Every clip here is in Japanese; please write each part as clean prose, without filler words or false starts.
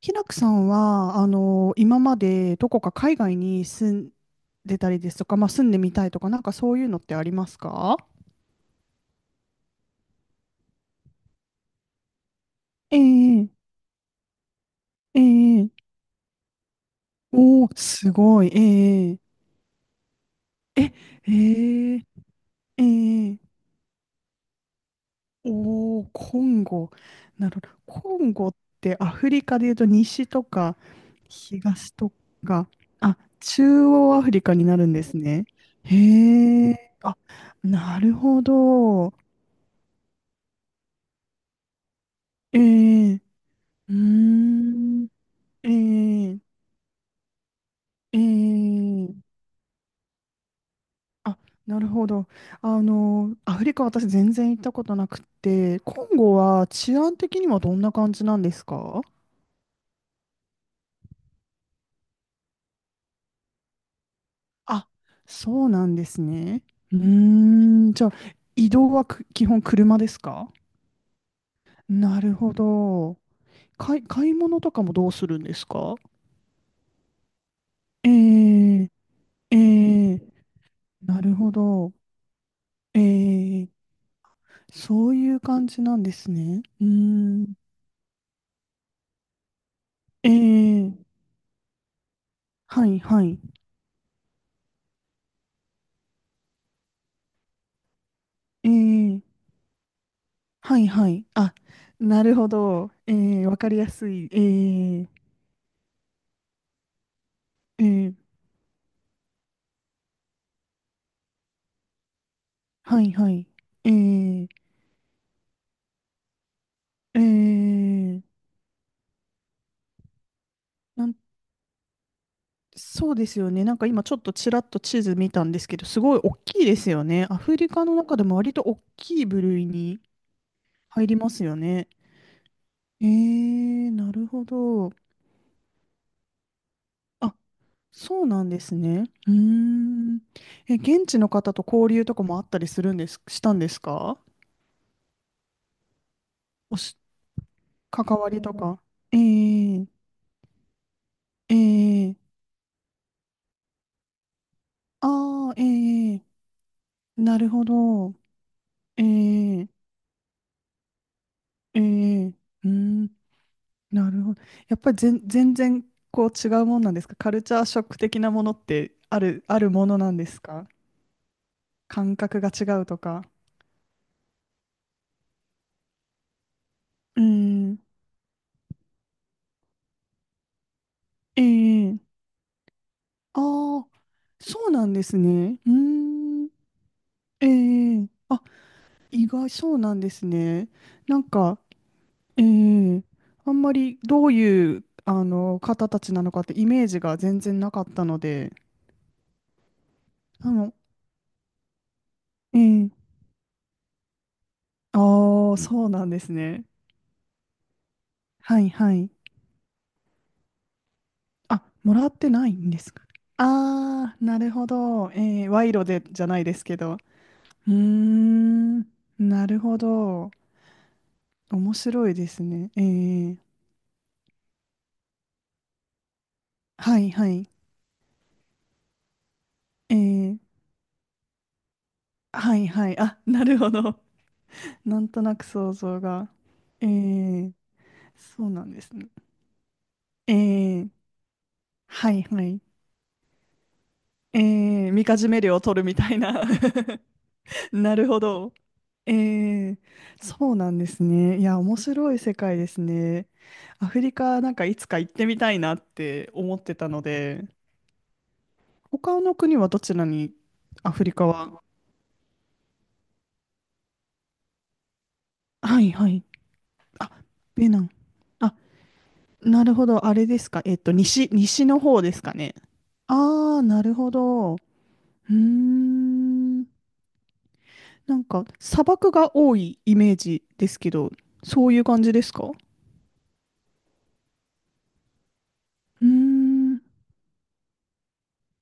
ひらくさんは、今までどこか海外に住んでたりですとか、まあ、住んでみたいとか、なんかそういうのってありますか？ええ、ええ、おー、すごい、ええ、え、ええ、ええ、おー、コンゴ。なるほど。コンゴってアフリカでいうと西とか東とか、あ、中央アフリカになるんですね。へえ、あ、なるほど。ええ、うーん。ええ、ええ、あ、なるほど。アフリカ私全然行ったことなくて、コンゴは治安的にはどんな感じなんですか？あ、そうなんですね。うーん、じゃあ、移動はく基本車ですか？なるほど。買い、買い物とかもどうするんですか？ええ、ええ、なるほど。ええ、そういう感じなんですね。うーん。ええ、はいはい。ええ、はいはい。あ、なるほど。ええ、わかりやすい。ええ、ええ、はいはい。ええ、ええ、なん、そうですよね。なんか今ちょっとちらっと地図見たんですけど、すごい大きいですよね。アフリカの中でも割と大きい部類に入りますよね。ええ、なるほど。あ、そうなんですね。うーん。え、現地の方と交流とかもあったりするんです、したんですか？おし、関わりとか。ええ、ええ、あ、あー、ええ、なるほど。ええ、ええ、うーん、なるほど。やっぱり全、全然こう違うもんなんですか？カルチャーショック的なものってある、あるものなんですか？感覚が違うとか。うーん、ええ、ああ、そうなんですね。うーん。ええ、あ、意外、そうなんですね。なんか、ええ、あんまりどういう、方たちなのかってイメージが全然なかったので、あの、ええ、ああ、そうなんですね。はいはい。あ、もらってないんですか。ああ、なるほど。ええ、賄賂でじゃないですけど。うーん、なるほど。面白いですね。ええ、はいはい。えー、はいはい。あ、なるほど。なんとなく想像が。えー、そうなんですね。えー、はいはい。えー、みかじめ料を取るみたいな。なるほど。えー、そうなんですね。いや、面白い世界ですね。アフリカなんかいつか行ってみたいなって思ってたので、他の国はどちらに、アフリカは。はいはい。あ、ベナン。あ、なるほど。あれですか。えっと、西、西の方ですかね。ああ、なるほど。うーん。なんか、砂漠が多いイメージですけど、そういう感じですか？うーん。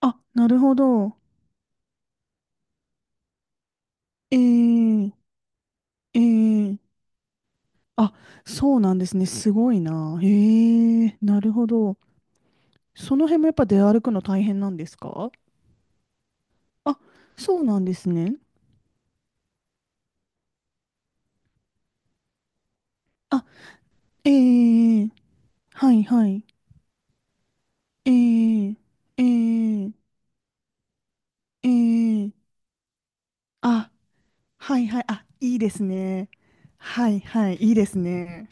あ、なるほど。ええ、ええ。あ、そうなんですね。すごいな。ええ、なるほど。その辺もやっぱ出歩くの大変なんですか？あ、そうなんですね。あ、ええ、はい、はい。ええ、ええ。ええ、あ、はいはい、あ、いいですね。はいはい、いいですね。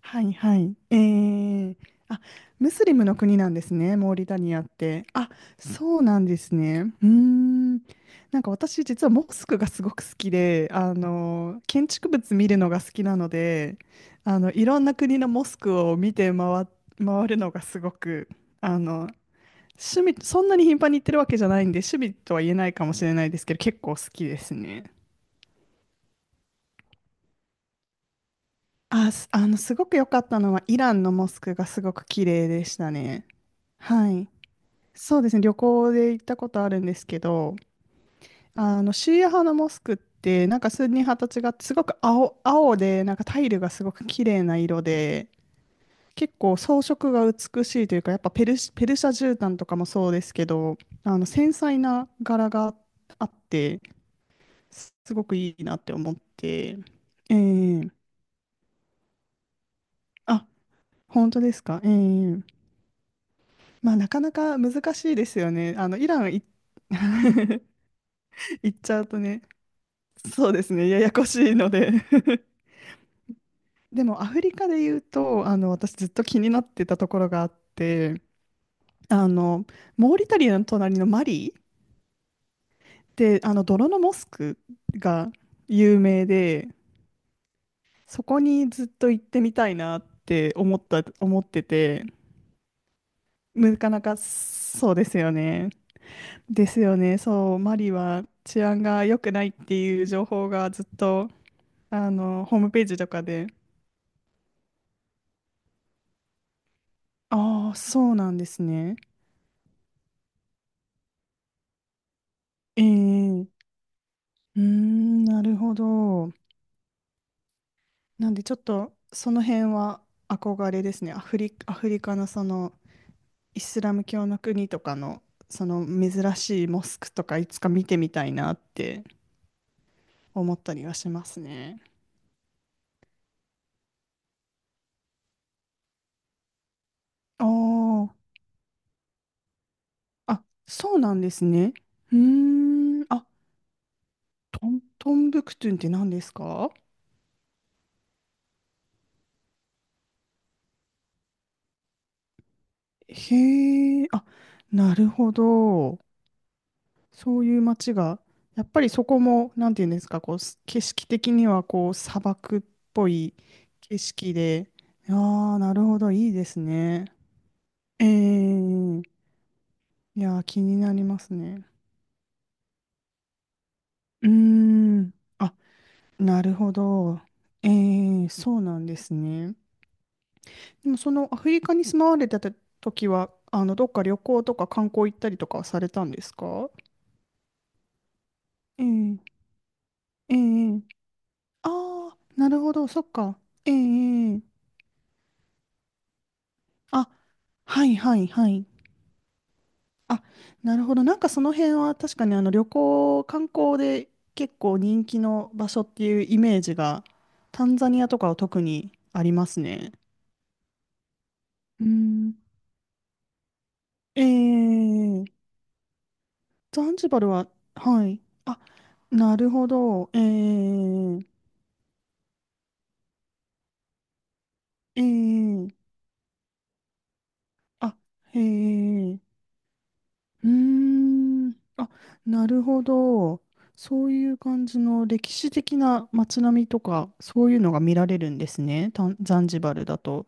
はいはい。ええ、あ、ムスリムの国なんですね、モーリタニアって。あ、そうなんですね。うーん。なんか私、実はモスクがすごく好きで、建築物見るのが好きなので、いろんな国のモスクを見て回、回るのがすごく、あの、趣味、そんなに頻繁に行ってるわけじゃないんで、趣味とは言えないかもしれないですけど、結構好きですね。あ、すあの、すごく良かったのは、イランのモスクがすごく綺麗でしたね。はい。そうですね、旅行で行ったことあるんですけど、シーア派のモスクって、なんかスンニ派と違って、すごく青、青で、なんかタイルがすごく綺麗な色で、結構装飾が美しいというか、やっぱペルシ、ペルシャ絨毯とかもそうですけど、繊細な柄があって、すごくいいなって思って、ええ、あ、本当ですか、ええ、まあ、なかなか難しいですよね。イランい 行っちゃうとね、そうですね、ややこしいので でも、アフリカで言うと、私ずっと気になってたところがあって、あの、モーリタリアの隣のマリって、あの、泥のモスクが有名で、そこにずっと行ってみたいなって思った、思ってて、なかなかそうですよね。ですよね。そう、マリは治安が良くないっていう情報がずっと、ホームページとかで。ああ、そうなんですね。ええ、うーん、なるほど。なんでちょっと、その辺は憧れですね。アフリ、アフリカのその、イスラム教の国とかの、その珍しいモスクとかいつか見てみたいなって思ったりはしますね。ああ。あ、そうなんですね。うーん。あ、トン、トンブクトゥンって何ですか？へえ、あ、なるほど。そういう街が、やっぱりそこも、なんていうんですか、こう、す景色的には、こう、砂漠っぽい景色で、ああ、なるほど、いいですね。ええ、いやー、気になりますね。うーん。あ、なるほど。ええ、そうなんですね。でもそのアフリカに住まわれてた時は、どっか旅行とか観光行ったりとかはされたんですか？ええ、ええ、ああ、なるほど、そっか。ええ、ええ、あ、はいはいはい。あ、なるほど。なんかその辺は確かにあの旅行、観光で結構人気の場所っていうイメージが、タンザニアとかは特にありますね。うん。ええ、ザンジバルは、はい。あ、なるほど。ええ、ええ、あ、へえ、うーん、あ、なるほど。そういう感じの歴史的な街並みとか、そういうのが見られるんですね、タンザンジバルだと。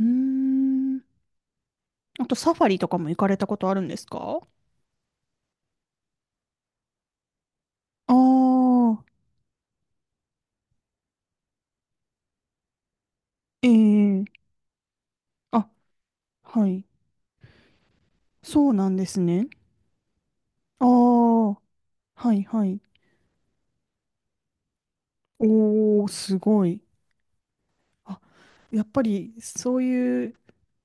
うーん、あとサファリとかも行かれたことあるんですか？ああ、ええ、あ、はい。そうなんですね。ああ、はいはい。おー、すごい。あ、やっぱりそういう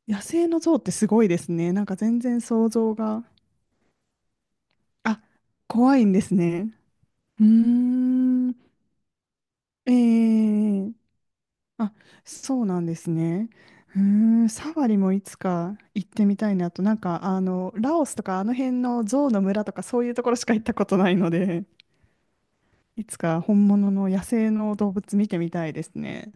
野生の象ってすごいですね。なんか全然想像が。あ、怖いんですね。うーん。ええ、あ、そうなんですね。うーん、サファリもいつか行ってみたいなと。なんか、ラオスとかあの辺の象の村とかそういうところしか行ったことないので、いつか本物の野生の動物見てみたいですね。